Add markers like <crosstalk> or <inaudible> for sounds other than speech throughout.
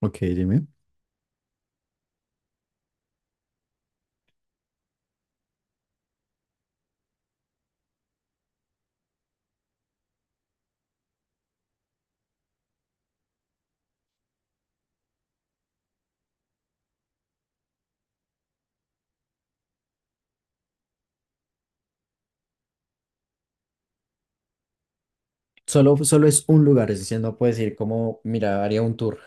Ok, dime. Solo es un lugar, es decir, no puedes ir como, mira, haría un tour.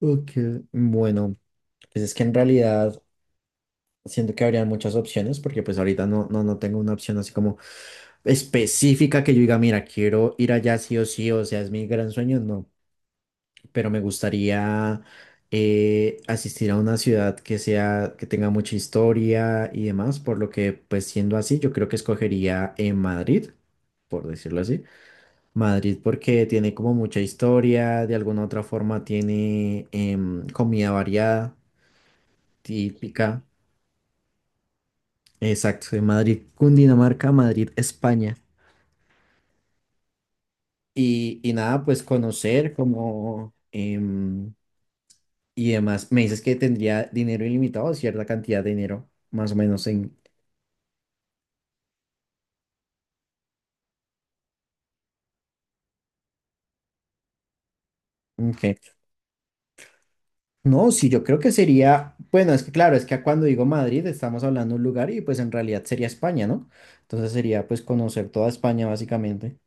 Ok. Bueno, pues es que en realidad siento que habrían muchas opciones, porque pues ahorita no tengo una opción así como específica que yo diga, mira, quiero ir allá sí o sí, o sea, es mi gran sueño, no, pero me gustaría asistir a una ciudad que sea, que tenga mucha historia y demás, por lo que pues siendo así, yo creo que escogería en Madrid, por decirlo así. Madrid porque tiene como mucha historia, de alguna otra forma tiene comida variada, típica, exacto, de Madrid, Cundinamarca, Madrid, España. Y nada, pues conocer como y demás. Me dices que tendría dinero ilimitado, cierta cantidad de dinero, más o menos en... en No, sí, yo creo que sería, bueno, es que claro, es que cuando digo Madrid estamos hablando de un lugar y pues en realidad sería España, ¿no? Entonces sería pues conocer toda España básicamente.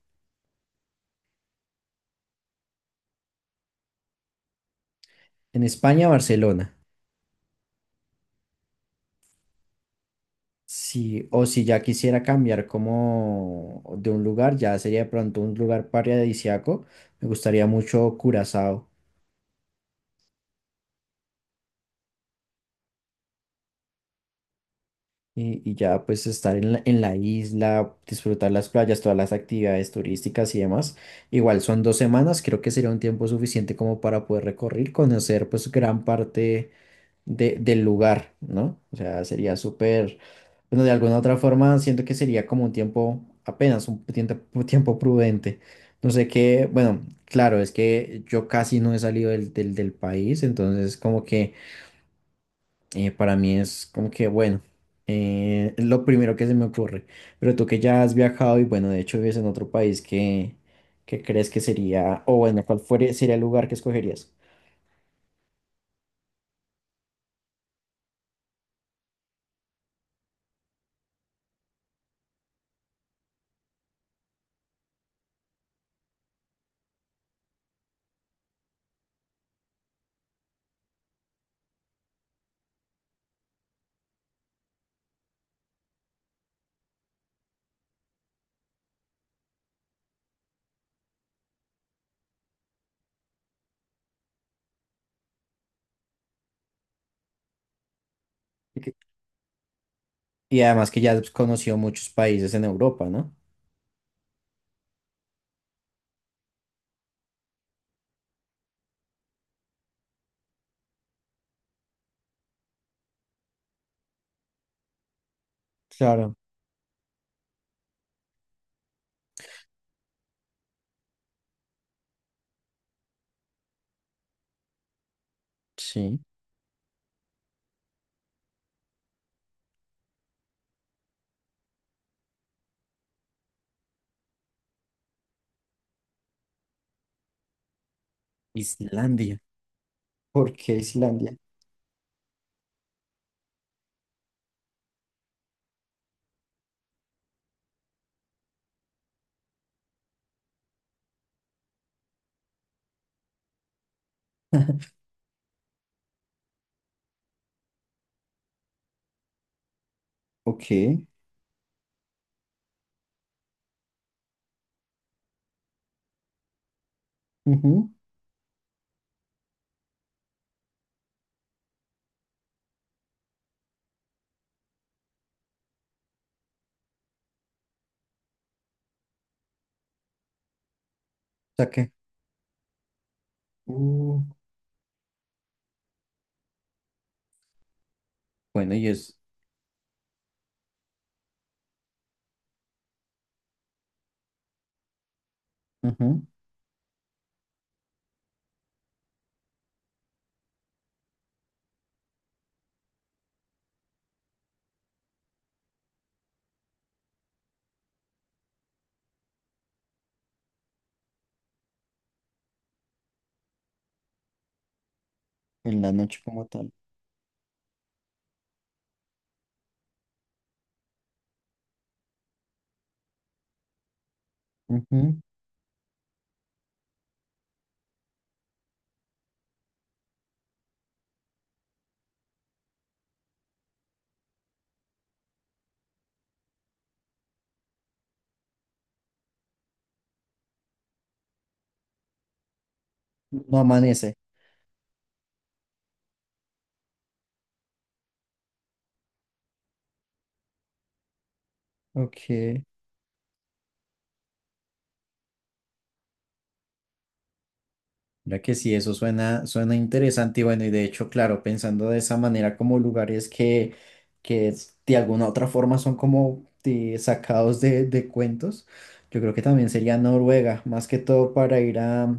En España, Barcelona. Sí, o si ya quisiera cambiar como de un lugar, ya sería de pronto un lugar paradisíaco. Me gustaría mucho Curazao y ya pues estar en la isla, disfrutar las playas, todas las actividades turísticas y demás. Igual son 2 semanas, creo que sería un tiempo suficiente como para poder recorrer, conocer pues gran parte del lugar, ¿no? O sea, sería súper, bueno, de alguna otra forma siento que sería como un tiempo, apenas un tiempo, tiempo prudente. No sé qué, bueno, claro, es que yo casi no he salido del país, entonces como que para mí es como que, bueno, es lo primero que se me ocurre. Pero tú que ya has viajado y bueno, de hecho vives en otro país, ¿qué, qué crees que sería, o bueno, sería el lugar que escogerías? Y que- y además que ya has conocido muchos países en Europa, ¿no? Claro, sí. Islandia. ¿Por qué Islandia? <laughs> Ok. Ujú. Saqué. Uh, Bueno, y es ujú, en la noche como tal. Ujú. No amanece. Ok. Mira que sí, eso suena, suena interesante y bueno, y de hecho, claro, pensando de esa manera como lugares que, de alguna otra forma son como sacados de cuentos, yo creo que también sería Noruega, más que todo para ir a,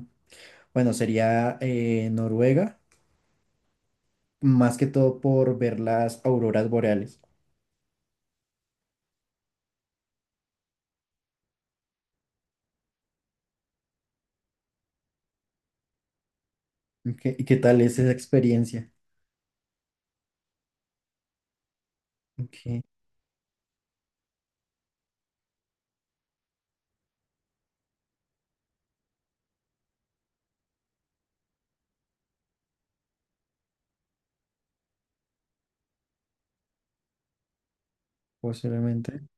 bueno, sería Noruega más que todo por ver las auroras boreales. Ok, ¿y qué tal es esa experiencia? Ok, posiblemente.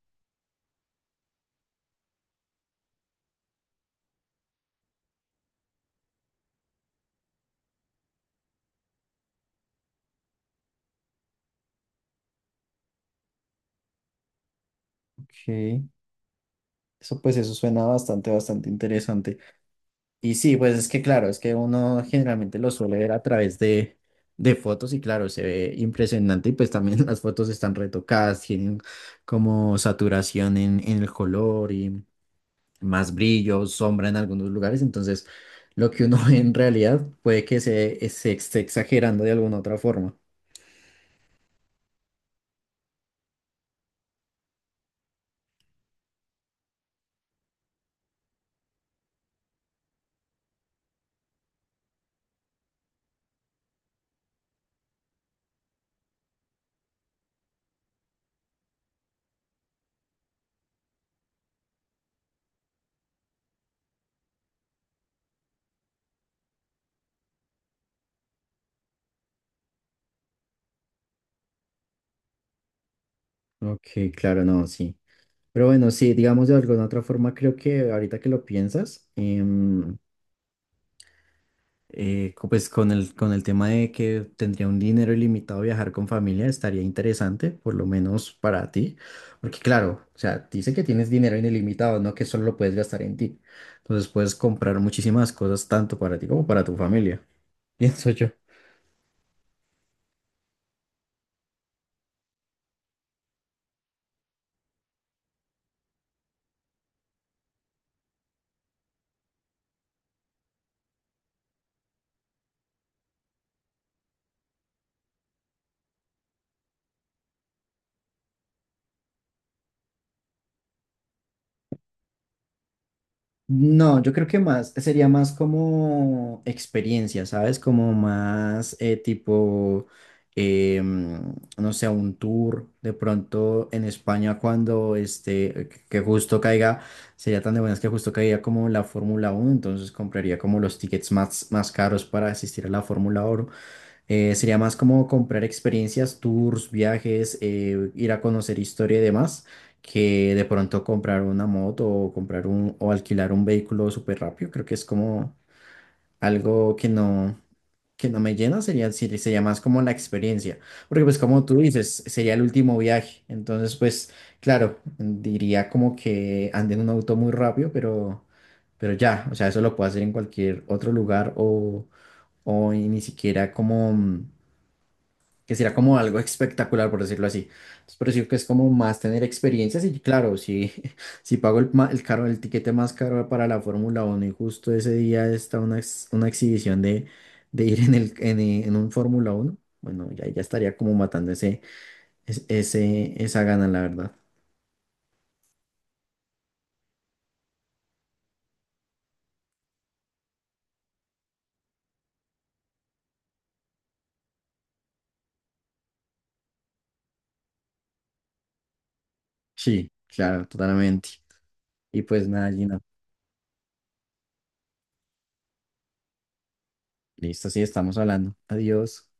Ok. Eso pues eso suena bastante, bastante interesante. Y sí, pues es que claro, es que uno generalmente lo suele ver a través de fotos y claro, se ve impresionante y pues también <laughs> las fotos están retocadas, tienen como saturación en el color y más brillo, sombra en algunos lugares, entonces lo que uno ve en realidad puede que se esté exagerando de alguna otra forma. Ok, claro, no, sí. Pero bueno, sí, digamos de alguna otra forma, creo que ahorita que lo piensas, pues con el tema de que tendría un dinero ilimitado viajar con familia, estaría interesante, por lo menos para ti, porque claro, o sea, dice que tienes dinero ilimitado, no que solo lo puedes gastar en ti. Entonces puedes comprar muchísimas cosas tanto para ti como para tu familia, <laughs> pienso yo. No, yo creo que más, sería más como experiencia, ¿sabes? Como más tipo, no sé, un tour de pronto en España cuando este, que justo caiga, sería tan de buenas que justo caiga como la Fórmula Uno, entonces compraría como los tickets más, más caros para asistir a la Fórmula sería más como comprar experiencias, tours, viajes, ir a conocer historia y demás, que de pronto comprar una moto o comprar un o alquilar un vehículo súper rápido. Creo que es como algo que no me llena, sería, sí, sería más como la experiencia. Porque pues como tú dices, sería el último viaje. Entonces pues claro, diría como que ande en un auto muy rápido, pero ya, o sea, eso lo puedo hacer en cualquier otro lugar o ni siquiera como que será como algo espectacular, por decirlo así. Entonces, por eso que es como más tener experiencias y claro, si, <laughs> si pago el, el caro, el tiquete más caro para la Fórmula uno y justo ese día está una, una exhibición de ir en, en un Fórmula uno bueno, ya, ya estaría como matando ese, ese, esa gana, la verdad. Sí, claro, totalmente. Y pues nada, Gina, listo, sí, estamos hablando. Adiós.